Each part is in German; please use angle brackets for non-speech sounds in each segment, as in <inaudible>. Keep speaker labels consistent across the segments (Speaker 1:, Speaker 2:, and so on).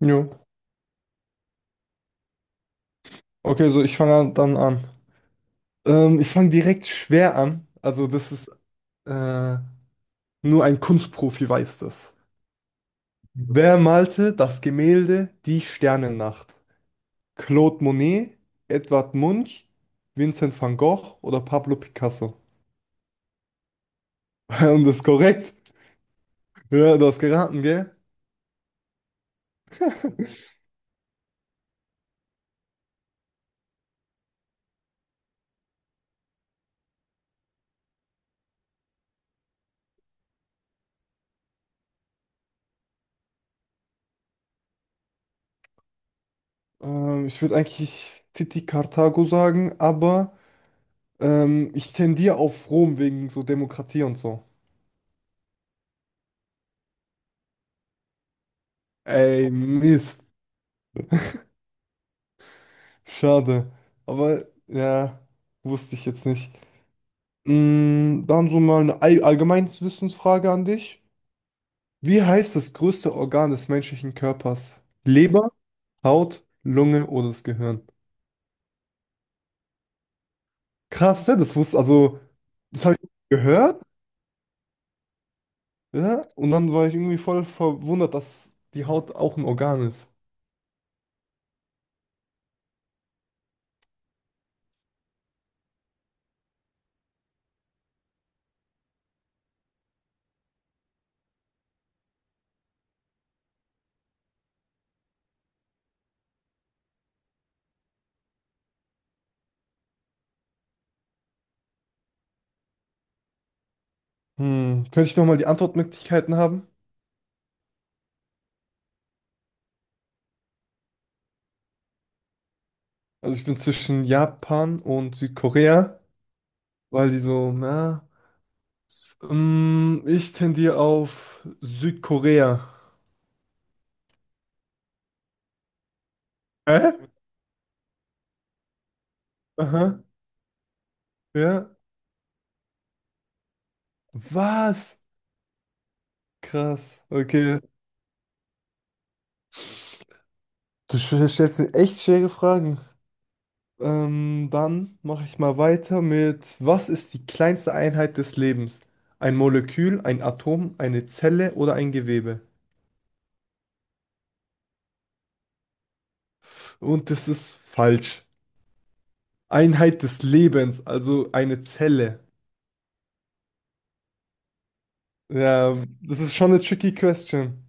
Speaker 1: Jo. Okay, so ich fange dann an. Ich fange direkt schwer an. Also das ist äh, nur ein Kunstprofi weiß das. Wer malte das Gemälde Die Sternennacht? Claude Monet, Edvard Munch, Vincent van Gogh oder Pablo Picasso? <laughs> Und das ist korrekt. Ja, du hast geraten, gell? <laughs> Ich würde eigentlich Titi Karthago sagen, aber ich tendiere auf Rom wegen so Demokratie und so. Ey, Mist. Schade. Aber ja, wusste ich jetzt nicht. Dann so mal eine allgemeines Wissensfrage an dich. Wie heißt das größte Organ des menschlichen Körpers? Leber, Haut, Lunge oder das Gehirn? Krass, ne? Das wusste, also, das habe ich gehört, ja? Und dann war ich irgendwie voll verwundert, dass die Haut auch ein Organ ist. Könnte ich nochmal die Antwortmöglichkeiten haben? Also ich bin zwischen Japan und Südkorea, weil die so, ja. Ich tendiere auf Südkorea. Hä? Aha, ja. Was? Krass. Okay. Du stellst mir echt schwere Fragen. Dann mache ich mal weiter mit, was ist die kleinste Einheit des Lebens? Ein Molekül, ein Atom, eine Zelle oder ein Gewebe? Und das ist falsch. Einheit des Lebens, also eine Zelle. Ja, das ist schon eine tricky question.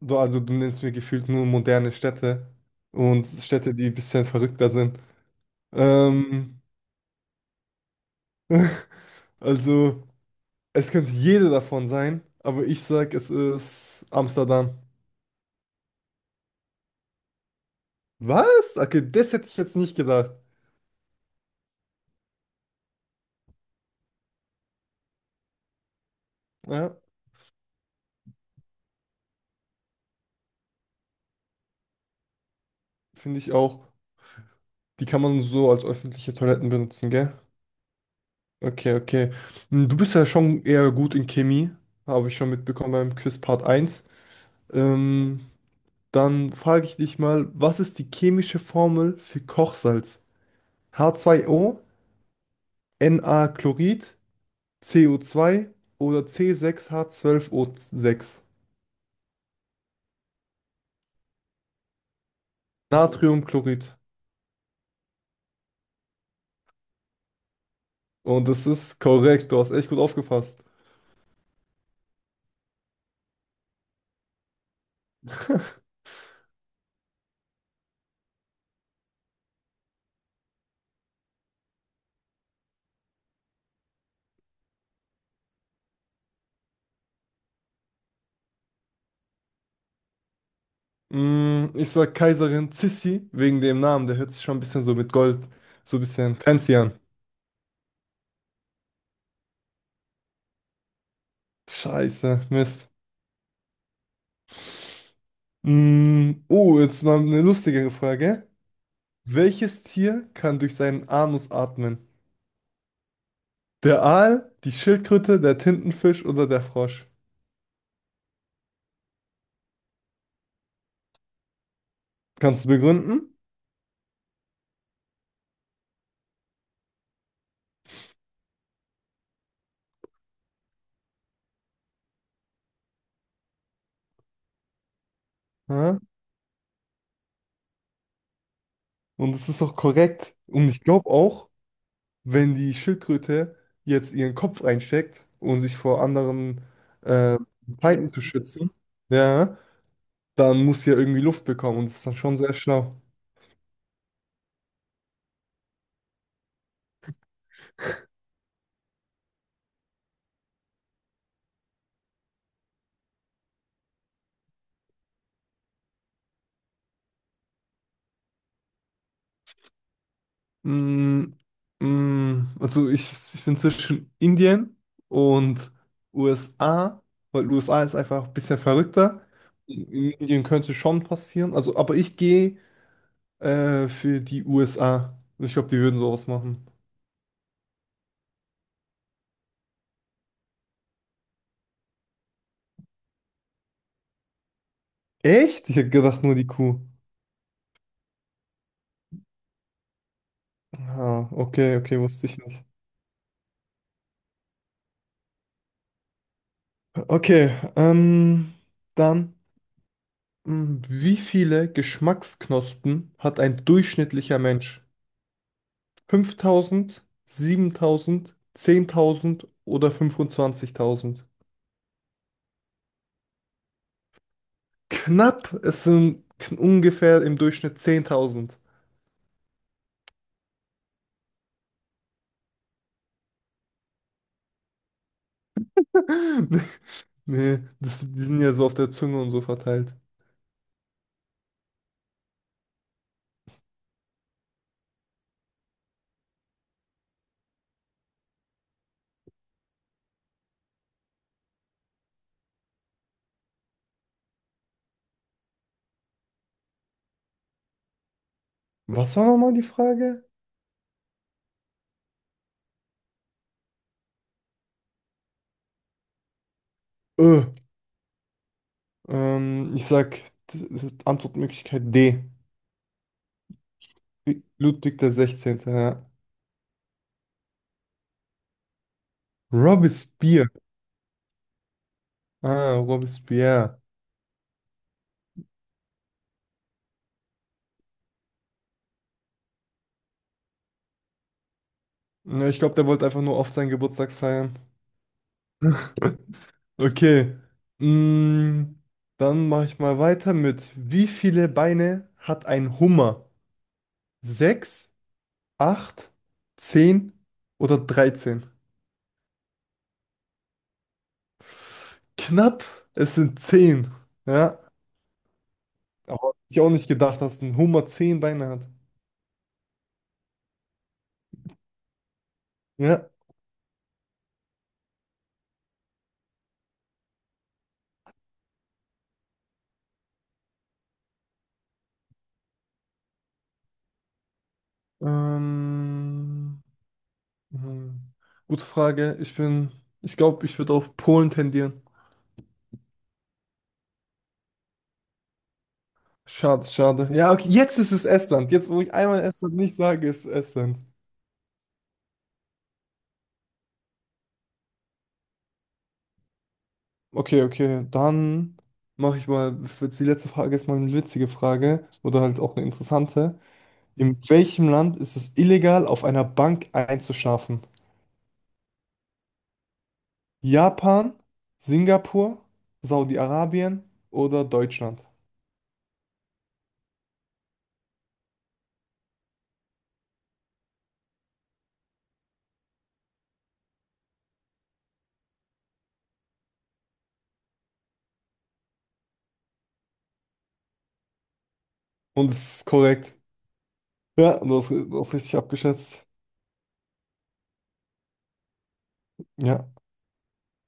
Speaker 1: Du, also du nennst mir gefühlt nur moderne Städte und Städte, die ein bisschen verrückter sind. Ähm, also es könnte jede davon sein, aber ich sag, es ist Amsterdam. Was? Okay, das hätte ich jetzt nicht gedacht. Ja, finde ich auch. Die kann man so als öffentliche Toiletten benutzen, gell? Okay, okay. Du bist ja schon eher gut in Chemie, habe ich schon mitbekommen beim Quiz Part eins. Ähm, Dann frage ich dich mal, was ist die chemische Formel für Kochsalz? H2O, Na-Chlorid, CO2 oder C6H12O6. Natriumchlorid. Und das ist korrekt, du hast echt gut aufgepasst. <laughs> Ich sag Kaiserin Sissi wegen dem Namen, der hört sich schon ein bisschen so mit Gold, so ein bisschen fancy an. Scheiße, Mist. Oh, jetzt mal eine lustigere Frage. Welches Tier kann durch seinen Anus atmen? Der Aal, die Schildkröte, der Tintenfisch oder der Frosch? Kannst du begründen? Ja? Und es ist auch korrekt. Und ich glaube auch, wenn die Schildkröte jetzt ihren Kopf einsteckt, um sich vor anderen äh, Feinden zu schützen, ja, dann muss sie ja irgendwie Luft bekommen und das ist dann schon sehr schlau. Mm, also ich bin zwischen Indien und USA, weil USA ist einfach ein bisschen verrückter. In Indien könnte schon passieren. Also, aber ich gehe für die USA. Ich glaube, die würden sowas machen. Echt? Ich hätte gedacht, nur die Kuh. Ah, okay, okay, wusste ich nicht. Okay, dann, wie viele Geschmacksknospen hat ein durchschnittlicher Mensch? 5.000, 7.000, 10.000 oder 25.000? Knapp, es sind ungefähr im Durchschnitt 10.000. <laughs> Nee, das, die sind ja so auf der Zunge und so verteilt. Was war nochmal die Frage? Ö, Ich sag Antwortmöglichkeit D. Ludwig der 16. Ja. Robespierre. Ah, Robespierre. Ja, ich glaube, der wollte einfach nur oft seinen Geburtstag feiern. <laughs> Okay. Mm, Dann mache ich mal weiter mit, wie viele Beine hat ein Hummer? Sechs, acht, 10 oder 13? Knapp, es sind 10. Ja, aber hätte ich auch nicht gedacht, dass ein Hummer 10 Beine hat. Ja. Ähm, Hm, Gute Frage. Ich bin, ich glaube, ich würde auf Polen tendieren. Schade, schade. Ja, okay, jetzt ist es Estland. Jetzt, wo ich einmal Estland nicht sage, ist es Estland. Okay, okay, dann mache ich mal, jetzt die letzte Frage ist mal eine witzige Frage oder halt auch eine interessante. In welchem Land ist es illegal, auf einer Bank einzuschlafen? Japan, Singapur, Saudi-Arabien oder Deutschland? Und es ist korrekt. Ja, du hast richtig abgeschätzt. Ja.